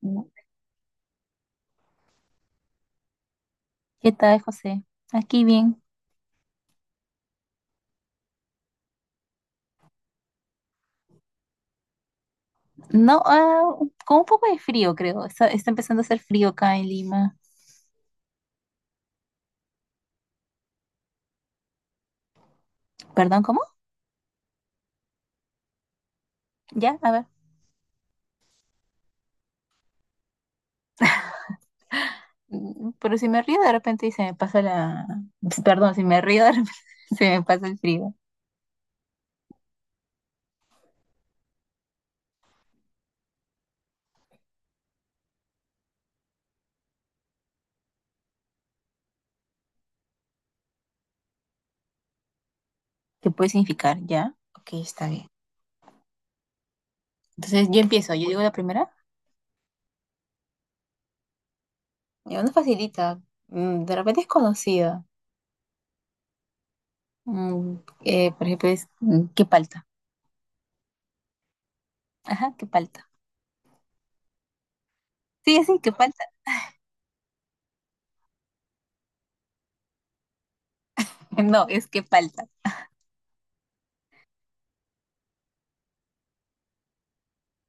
¿No? ¿Qué tal, José? Aquí bien. No, con un poco de frío, creo. Está empezando a hacer frío acá en Lima. ¿Perdón, cómo? Ya, a ver. Mm, pero si me río de repente se me pasa la... Perdón, si me río de repente se me pasa el frío. ¿Qué puede significar? ¿Ya? Ok, está bien. Entonces yo empiezo. Yo digo la primera. Ya, no facilita. Mm, de repente es conocida. Mm, por ejemplo, es ¿qué palta? Ajá, ¿qué palta? Sí, sí, ¿qué palta? No, es ¿qué palta?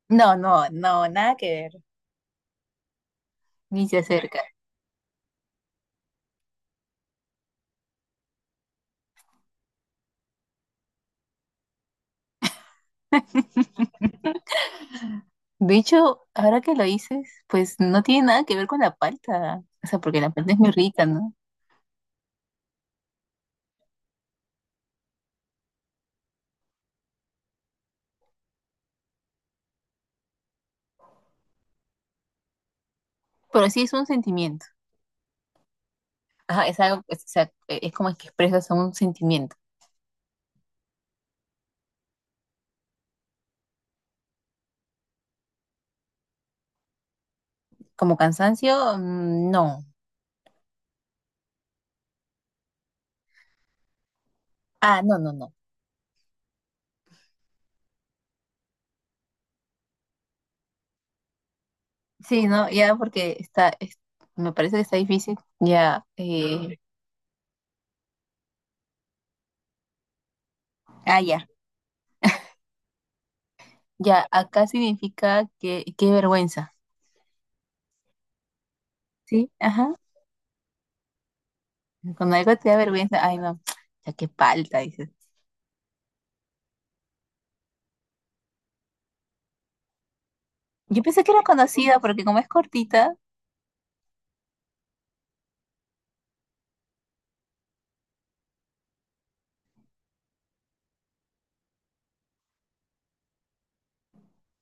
No, no, no, nada que ver. Ni se acerca. De hecho, ahora que lo dices, pues no tiene nada que ver con la palta. O sea, porque la palta es muy rica, ¿no? Pero sí es un sentimiento. Ajá, es algo, es, o sea, es como que expresas un sentimiento. Como cansancio, no. Ah, no, no, no. Sí, no, ya porque está, me parece que está difícil. Ya, ah, ya. Ya, acá significa que, qué vergüenza. Sí, ajá. Cuando algo te da vergüenza, ay, no, ya qué palta, dices. Yo pensé que era conocida porque como es cortita.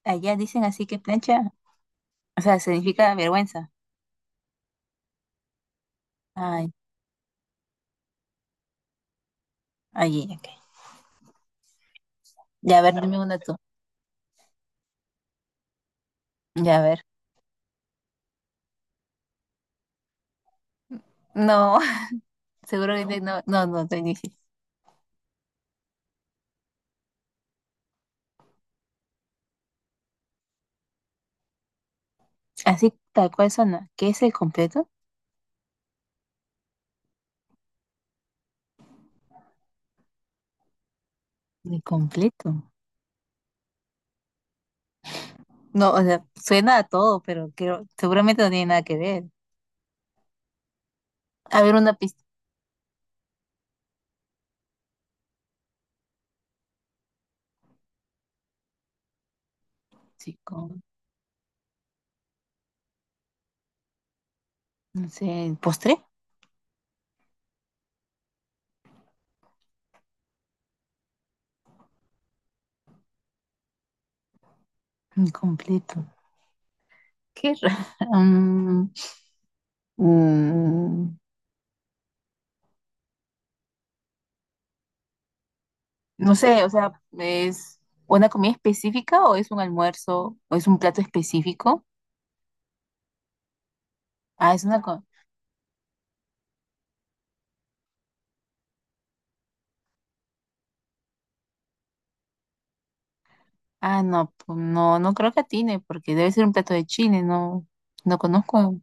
Allá dicen así que plancha, o sea, significa vergüenza. Ay, allí, ok. Ya, a ver, dime una tú. Ya, a ver. No, seguro que no, no, no, te dije. Así tal cual suena. ¿Qué es el completo? El completo. No, o sea, suena a todo, pero creo, seguramente no tiene nada que ver. A ver, una pista. Sí, con, no sé, ¿postre? Completo. Qué raro. No sé, o sea, ¿es una comida específica o es un almuerzo o es un plato específico? Ah, es una ah, no, no, no creo que atine porque debe ser un plato de Chile, no, no conozco.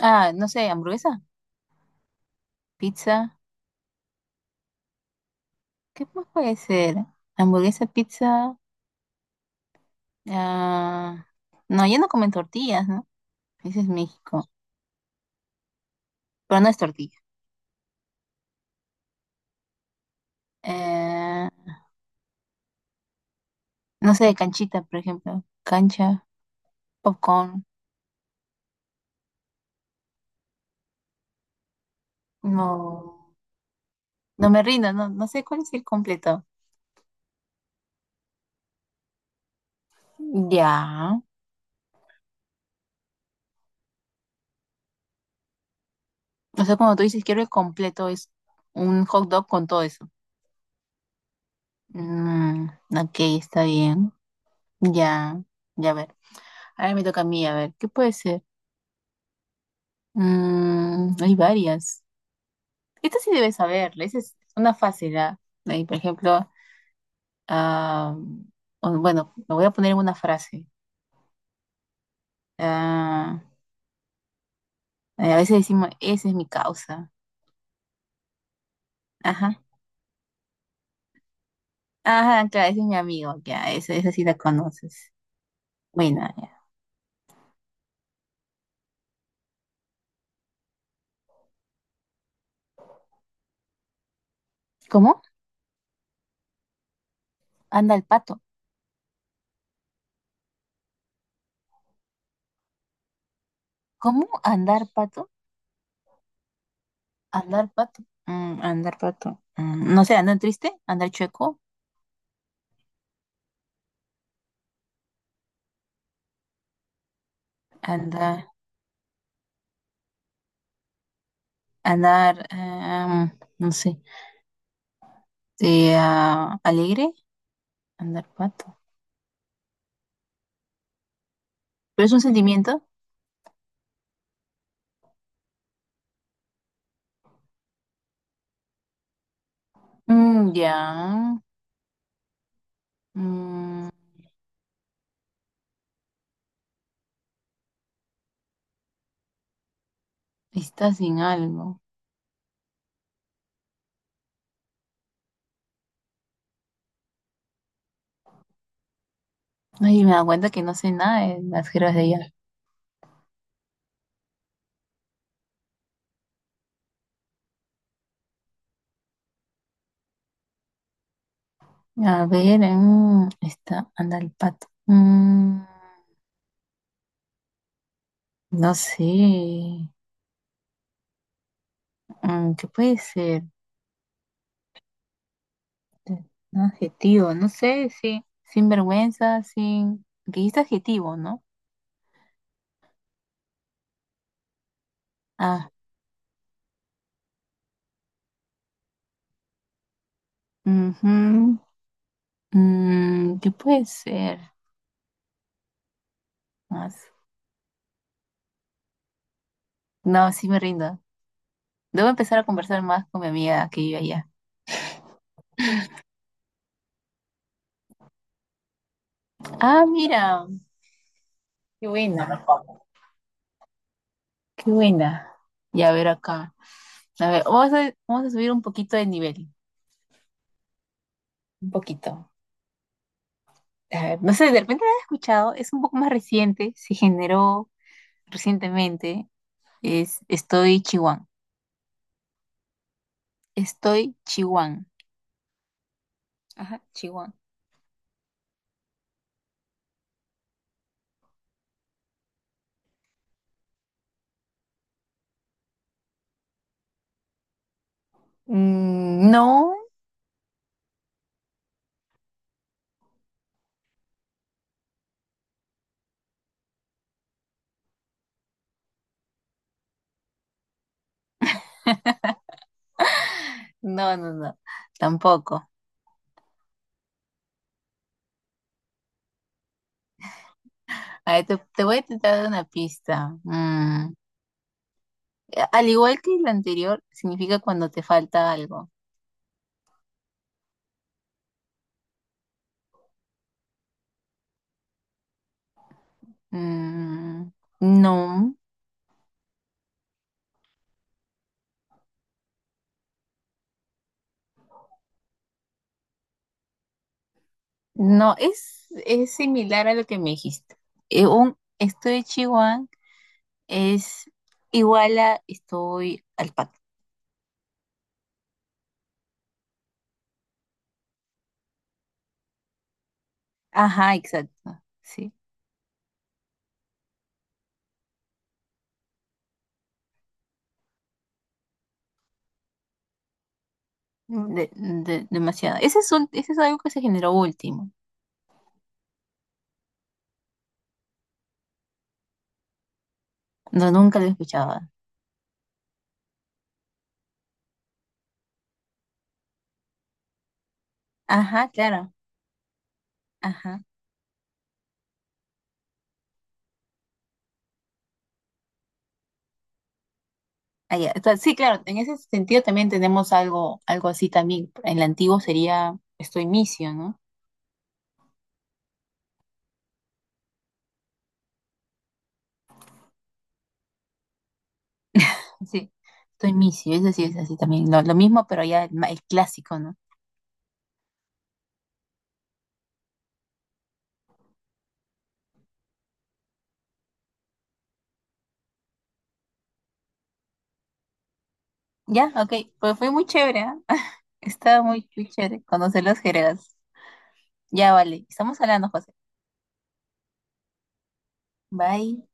Ah, no sé, hamburguesa, pizza, ¿qué más puede ser? Hamburguesa, pizza, ah, no, ya no comen tortillas, ¿no? Ese es México, pero no es tortilla. Eh, no sé, canchita, por ejemplo, cancha, popcorn, no, no me rindo, no, no sé cuál es el completo. Ya. O sea, cuando tú dices quiero el completo, es un hot dog con todo eso. Mm, ok, está bien. Ya, ya a ver. Ahora me toca a mí, a ver, ¿qué puede ser? Mm, hay varias. Esta sí debes saberla, esa es una fácil, ¿ah? Ahí, por ejemplo, ah, bueno, lo voy a poner en una frase. Ah, a veces decimos, esa es mi causa. Ajá. Ajá, claro, ese es mi amigo, ya, esa sí la conoces. Bueno, ya. ¿Cómo? Anda el pato. ¿Cómo? ¿Andar pato? ¿Andar pato? Mm, andar pato. Mm, no sé, ¿andar triste? ¿Andar chueco? ¿Andar, andar, no sé, ah, ¿alegre? Andar pato. ¿Pero es un sentimiento? Mm, ya. Mm, está sin algo. Ay, me da cuenta que no sé nada de las jergas de ella. A ver, mm, está, anda el pato. Mm, no sé. Mm, ¿qué puede ser? Un adjetivo, no sé, sí. Sin vergüenza, sin. Porque ahí está adjetivo, ¿no? Ah, ujú. Mm, ¿qué puede ser? Más. No, sí me rindo. Debo empezar a conversar más con mi amiga que vive allá. Ah, mira, qué buena, qué buena. Y a ver acá. A ver, vamos a subir un poquito de nivel. Un poquito. A ver, no sé, de repente lo has escuchado, es un poco más reciente, se generó recientemente. Es estoy Chihuahua. Estoy chihuán. Ajá, chihuán. Mm, no, no, no, no, tampoco. A ver, te voy a intentar dar una pista. Mm, al igual que el anterior, significa cuando te falta algo. Mm, no, no, es similar a lo que me dijiste. Un estoy chihuahua es igual a estoy alpaca. Ajá, exacto, sí. Demasiado. Ese es un, ese es algo que se generó último. No, nunca lo he escuchado. Ajá, claro. Ajá. Ah, ya. Entonces, sí, claro, en ese sentido también tenemos algo, algo así también. En el antiguo sería estoy misio, ¿no? Sí, estoy misio, eso sí es así también. Lo mismo, pero ya el, el clásico, ¿no? Ya, ok, pues fue muy chévere, ¿ah? Estaba muy, muy chévere conocer los jergas. Ya, vale, estamos hablando, José. Bye.